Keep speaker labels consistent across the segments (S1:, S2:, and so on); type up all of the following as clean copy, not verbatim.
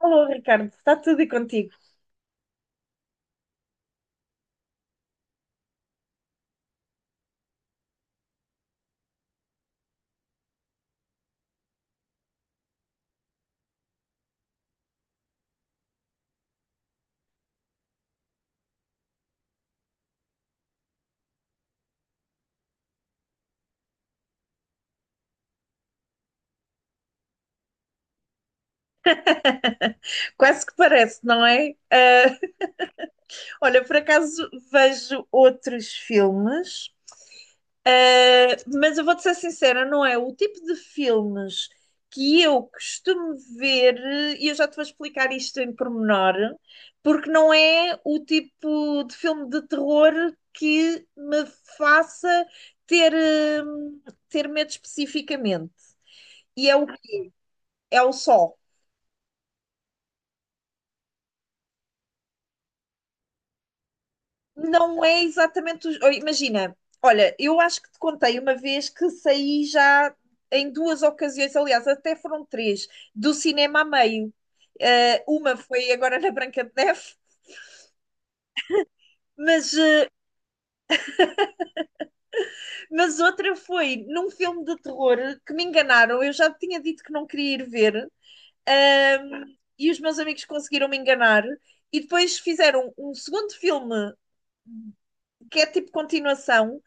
S1: Alô, Ricardo, está tudo e contigo? Quase que parece, não é? Olha, por acaso vejo outros filmes. ah, mas eu vou-te ser sincera, não é o tipo de filmes que eu costumo ver, e eu já te vou explicar isto em pormenor, porque não é o tipo de filme de terror que me faça ter, hum, ter medo especificamente. E é é o só. Não é exatamente. Imagina, olha, eu acho que te contei uma vez que saí já em duas ocasiões, aliás, até foram três, do cinema a meio. Uma foi agora na Branca de Neve, mas, eh, mas outra foi num filme de terror que me enganaram. Eu já tinha dito que não queria ir ver, e os meus amigos conseguiram me enganar. E depois fizeram um segundo filme que é tipo continuação.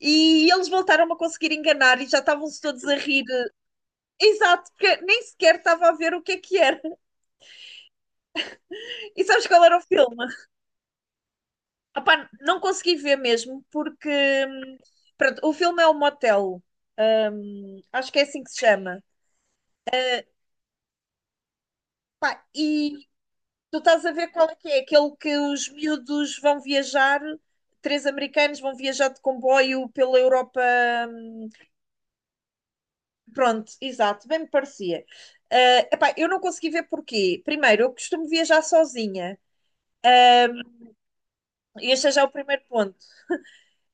S1: E eles voltaram a conseguir enganar e já estavam-se todos a rir. Exato, porque nem sequer estava a ver o que é que era. E sabes qual era o filme? Opá, não consegui ver mesmo, porque hum, pronto, o filme é o Motel. Acho que é assim que se chama. Eh, e tu estás a ver qual é que é? Aquele que os miúdos vão viajar, três americanos vão viajar de comboio pela Europa. hum, Pronto, exato, bem me parecia. Epá, eu não consegui ver porquê. Primeiro, eu costumo viajar sozinha. E este é já o primeiro ponto.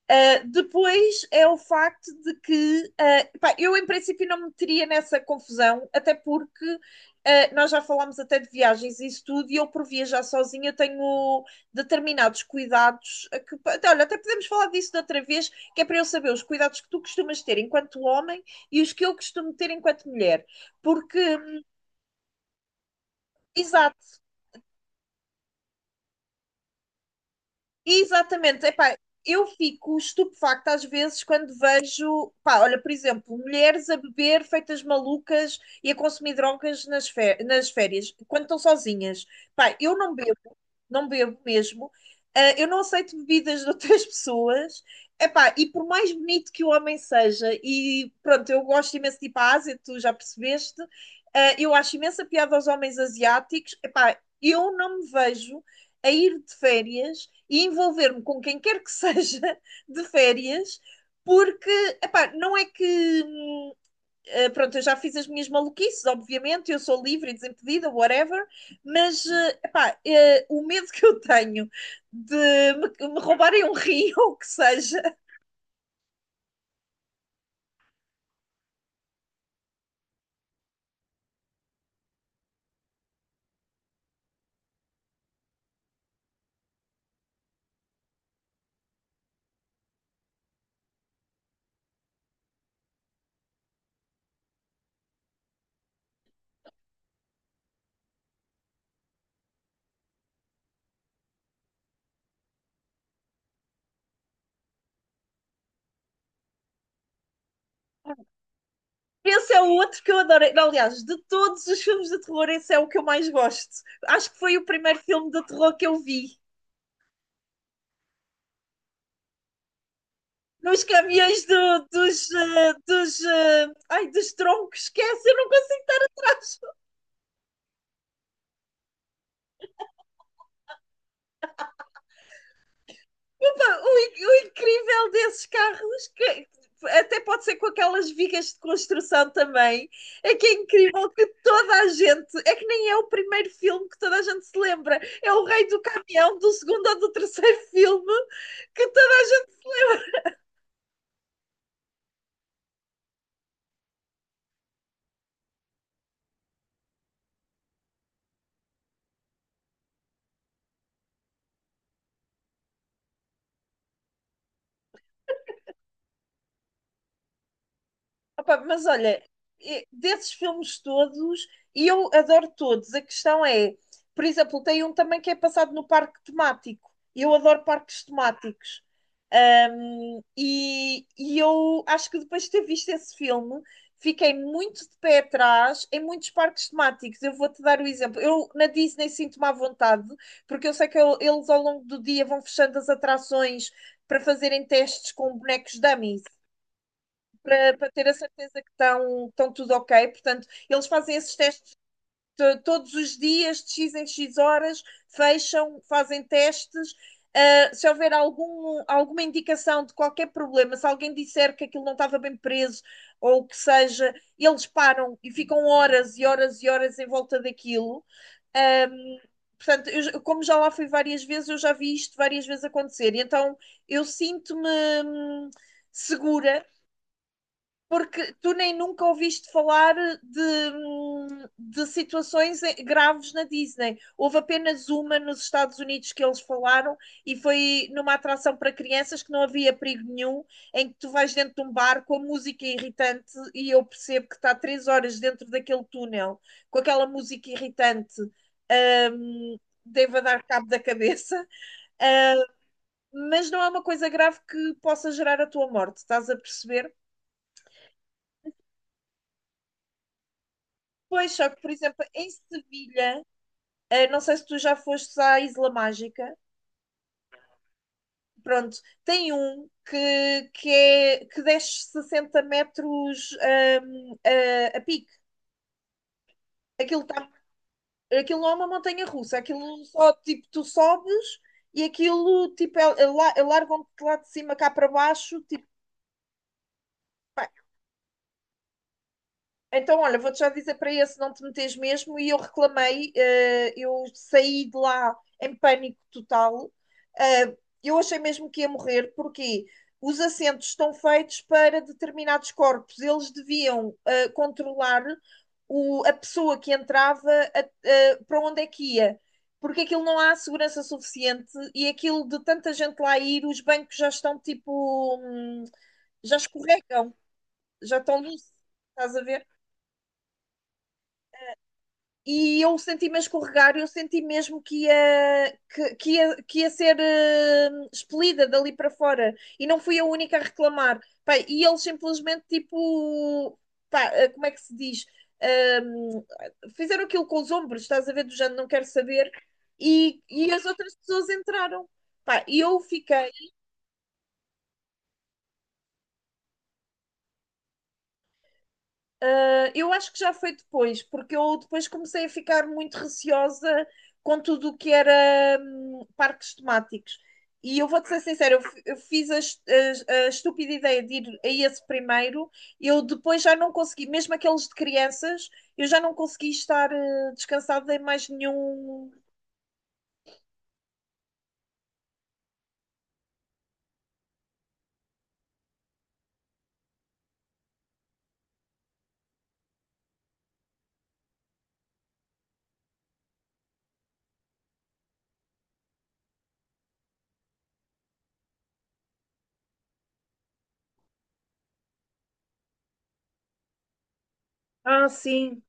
S1: Depois é o facto de que, epá, eu em princípio não me meteria nessa confusão, até porque nós já falámos até de viagens e isso tudo, e eu por viajar sozinha tenho determinados cuidados a que, até, olha, até podemos falar disso de outra vez, que é para eu saber os cuidados que tu costumas ter enquanto homem e os que eu costumo ter enquanto mulher. Porque exato, exatamente. Epá, eu fico estupefacta às vezes quando vejo, pá, olha, por exemplo, mulheres a beber feitas malucas e a consumir drogas nas, nas férias, quando estão sozinhas. Pá, eu não bebo, não bebo mesmo. Ah, eu não aceito bebidas de outras pessoas. Epá, e por mais bonito que o homem seja, e pronto, eu gosto imenso de ir para a Ásia, tu já percebeste. Ah, eu acho imensa piada aos homens asiáticos. Epá, eu não me vejo a ir de férias e envolver-me com quem quer que seja de férias, porque, epá, não é que. Pronto, eu já fiz as minhas maluquices, obviamente, eu sou livre e desimpedida, whatever, mas epá, o medo que eu tenho de me roubarem um rio ou o que seja. Esse é o outro que eu adorei. Aliás, de todos os filmes de terror, esse é o que eu mais gosto. Acho que foi o primeiro filme de terror que eu vi. Nos caminhões dos troncos, esquece, eu não consigo dar desculpa. O, o incrível desses carros, que até pode ser com aquelas vigas de construção também, é que é incrível que toda a gente, é que nem é o primeiro filme que toda a gente se lembra, é o rei do caminhão do segundo ou do terceiro filme, que toda a... Opa, mas olha, desses filmes todos, e eu adoro todos, a questão é, por exemplo, tem um também que é passado no parque temático. Eu adoro parques temáticos. E eu acho que depois de ter visto esse filme, fiquei muito de pé atrás em muitos parques temáticos. Eu vou-te dar o exemplo. Eu na Disney sinto-me à vontade, porque eu sei que eles ao longo do dia vão fechando as atrações para fazerem testes com bonecos dummies para, para ter a certeza que estão, estão tudo ok. Portanto, eles fazem esses testes todos os dias, de X em X horas, fecham, fazem testes. Ah, se houver algum, alguma indicação de qualquer problema, se alguém disser que aquilo não estava bem preso ou o que seja, eles param e ficam horas e horas e horas em volta daquilo. Ahm, Portanto, eu como já lá fui várias vezes, eu já vi isto várias vezes acontecer. E então eu sinto-me hum, segura porque tu nem nunca ouviste falar de, de situações graves na Disney. Houve apenas uma nos Estados Unidos que eles falaram e foi numa atração para crianças que não havia perigo nenhum, em que tu vais dentro de um bar com a música irritante e eu percebo que está três horas dentro daquele túnel com aquela música irritante. Um, Deva dar cabo da cabeça, uh, mas não é uma coisa grave que possa gerar a tua morte, estás a perceber? Pois, só que, por exemplo, em Sevilha, não sei se tu já fostes à Isla Mágica, pronto, tem um que, é, que desce 60 metros a pique. Aquilo, tá, aquilo não é uma montanha russa, aquilo só, tipo, tu sobes e aquilo, tipo, é largam-te lá de cima cá para baixo, tipo, pá, então, olha, vou-te já dizer para esse não te meteres mesmo. E eu reclamei, eu saí de lá em pânico total. Eh, eu achei mesmo que ia morrer, porque os assentos estão feitos para determinados corpos. Eles deviam controlar a pessoa que entrava para onde é que ia. Porque aquilo não há segurança suficiente e aquilo de tanta gente lá ir, os bancos já estão tipo, já escorregam, já estão lisos, estás a ver? E eu senti-me a escorregar, eu senti mesmo que ia ser expelida dali para fora e não fui a única a reclamar. Pá, e eles simplesmente, tipo, pá, como é que se diz? Ahm, Fizeram aquilo com os ombros, estás a ver, do género, não quero saber, e as outras pessoas entraram. Pá, e eu fiquei. Eu acho que já foi depois, porque eu depois comecei a ficar muito receosa com tudo o que era parques temáticos. E eu vou-te ser sincera, eu, eu fiz a, a estúpida ideia de ir a esse primeiro, eu depois já não consegui, mesmo aqueles de crianças, eu já não consegui estar descansada em mais nenhum. Ah, sim.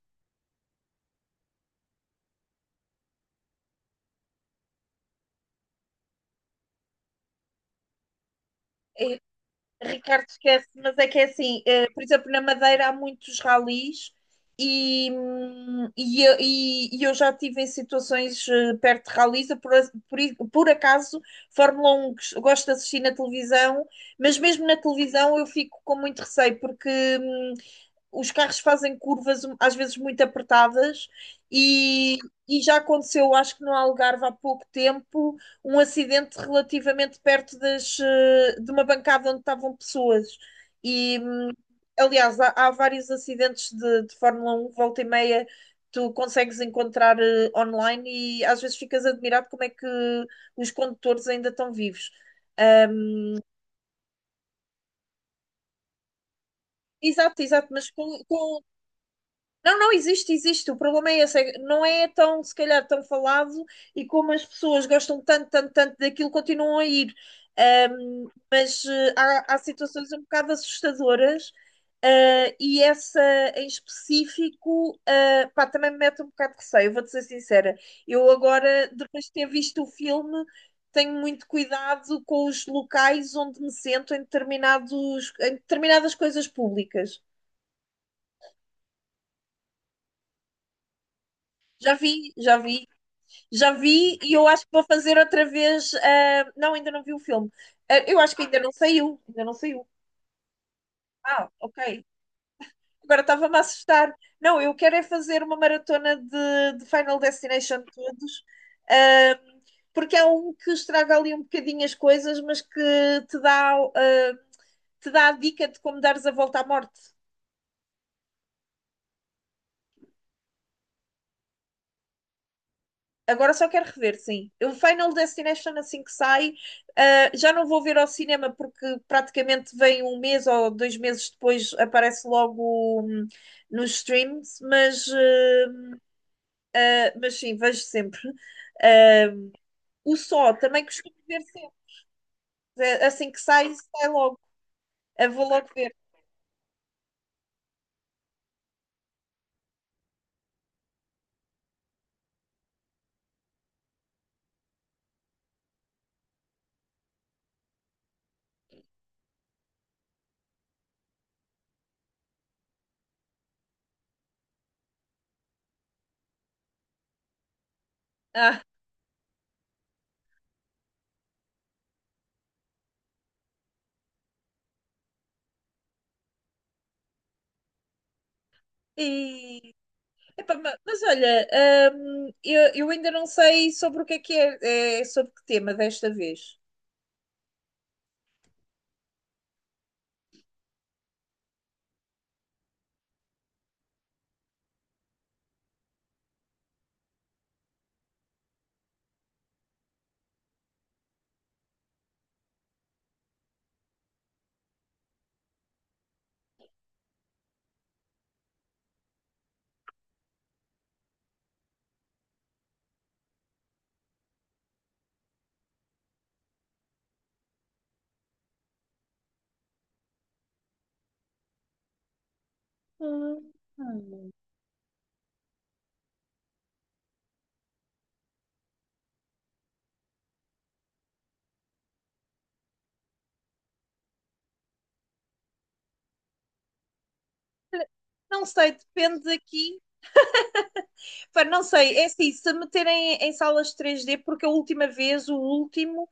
S1: Ricardo esquece, mas é que é assim, por exemplo, na Madeira há muitos ralis eu- e eu já estive em situações perto de ralis, eu por, por por acaso, Fórmula Um gosto de assistir na televisão, mas mesmo na televisão eu fico com muito receio, porque hum, os carros fazem curvas um, às vezes muito apertadas e, e já aconteceu, acho que no Algarve há pouco tempo, um acidente relativamente perto das, de uma bancada onde estavam pessoas. E, hum, Aliás, há, há vários acidentes de Fórmula Um, volta e meia, tu consegues encontrar online e às vezes ficas admirado como é que os condutores ainda estão vivos. Hum, Exato, exato, mas com não, não, existe, existe. O problema é esse. É que não é tão, se calhar, tão falado e como as pessoas gostam tanto, tanto, tanto daquilo, continuam a ir. Mas há, há situações um bocado assustadoras, e essa em específico, pá, também me mete um bocado de receio, vou-te ser sincera. Eu agora, depois de ter visto o filme, tenho muito cuidado com os locais onde me sento em determinados, em determinadas coisas públicas. Já vi, já vi. Já vi e eu acho que vou fazer outra vez. Não, ainda não vi o filme. Eu acho que ainda não saiu. Ainda não saiu. Ah, ok. Agora estava-me a assustar. Não, eu quero é fazer uma maratona de Final Destination todos. ah, Porque há um que estraga ali um bocadinho as coisas, mas que te dá, te dá a dica de como dares a volta à morte. Agora só quero rever, sim. O Final Destination, assim que sai, já não vou ver ao cinema porque praticamente vem um mês ou dois meses depois, aparece logo nos streams, mas, mas sim, vejo sempre. Ah, o Só também costumo ver sempre. É, assim que sai, sai logo. Eu vou logo ver. Ah, e- Epá, mas olha, eu ainda não sei sobre o que é, é sobre que tema desta vez. Hum. Não sei, depende aqui. Pá, não sei, é assim, se meterem em salas 3D, porque a última vez, o último,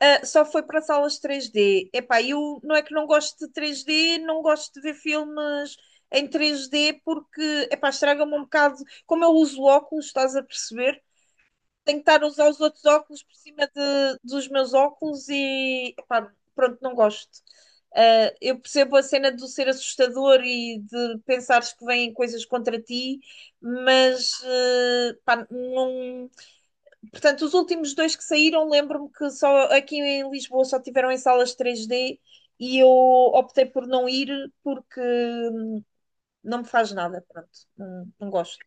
S1: só foi para salas 3D. Epá, eu não é que não gosto de 3D, não gosto de ver filmes em 3D, porque, epá, estraga-me um bocado. Como eu uso óculos, estás a perceber? Tenho que estar a usar os outros óculos por cima dos meus óculos e, epá, pronto, não gosto. Eu percebo a cena de ser assustador e de pensares que vêm coisas contra ti, mas pá, não... Portanto, os últimos dois que saíram, lembro-me que só aqui em Lisboa só tiveram em salas 3D e eu optei por não ir porque não me faz nada, pronto, não, não gosto.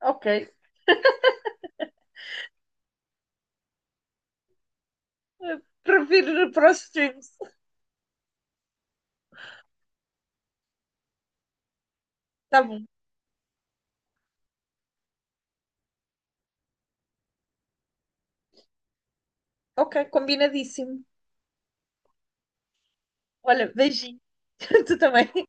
S1: Ok, prefiro para os streams. Tá bom, ok, combinadíssimo. Olha, beijinho, tu também.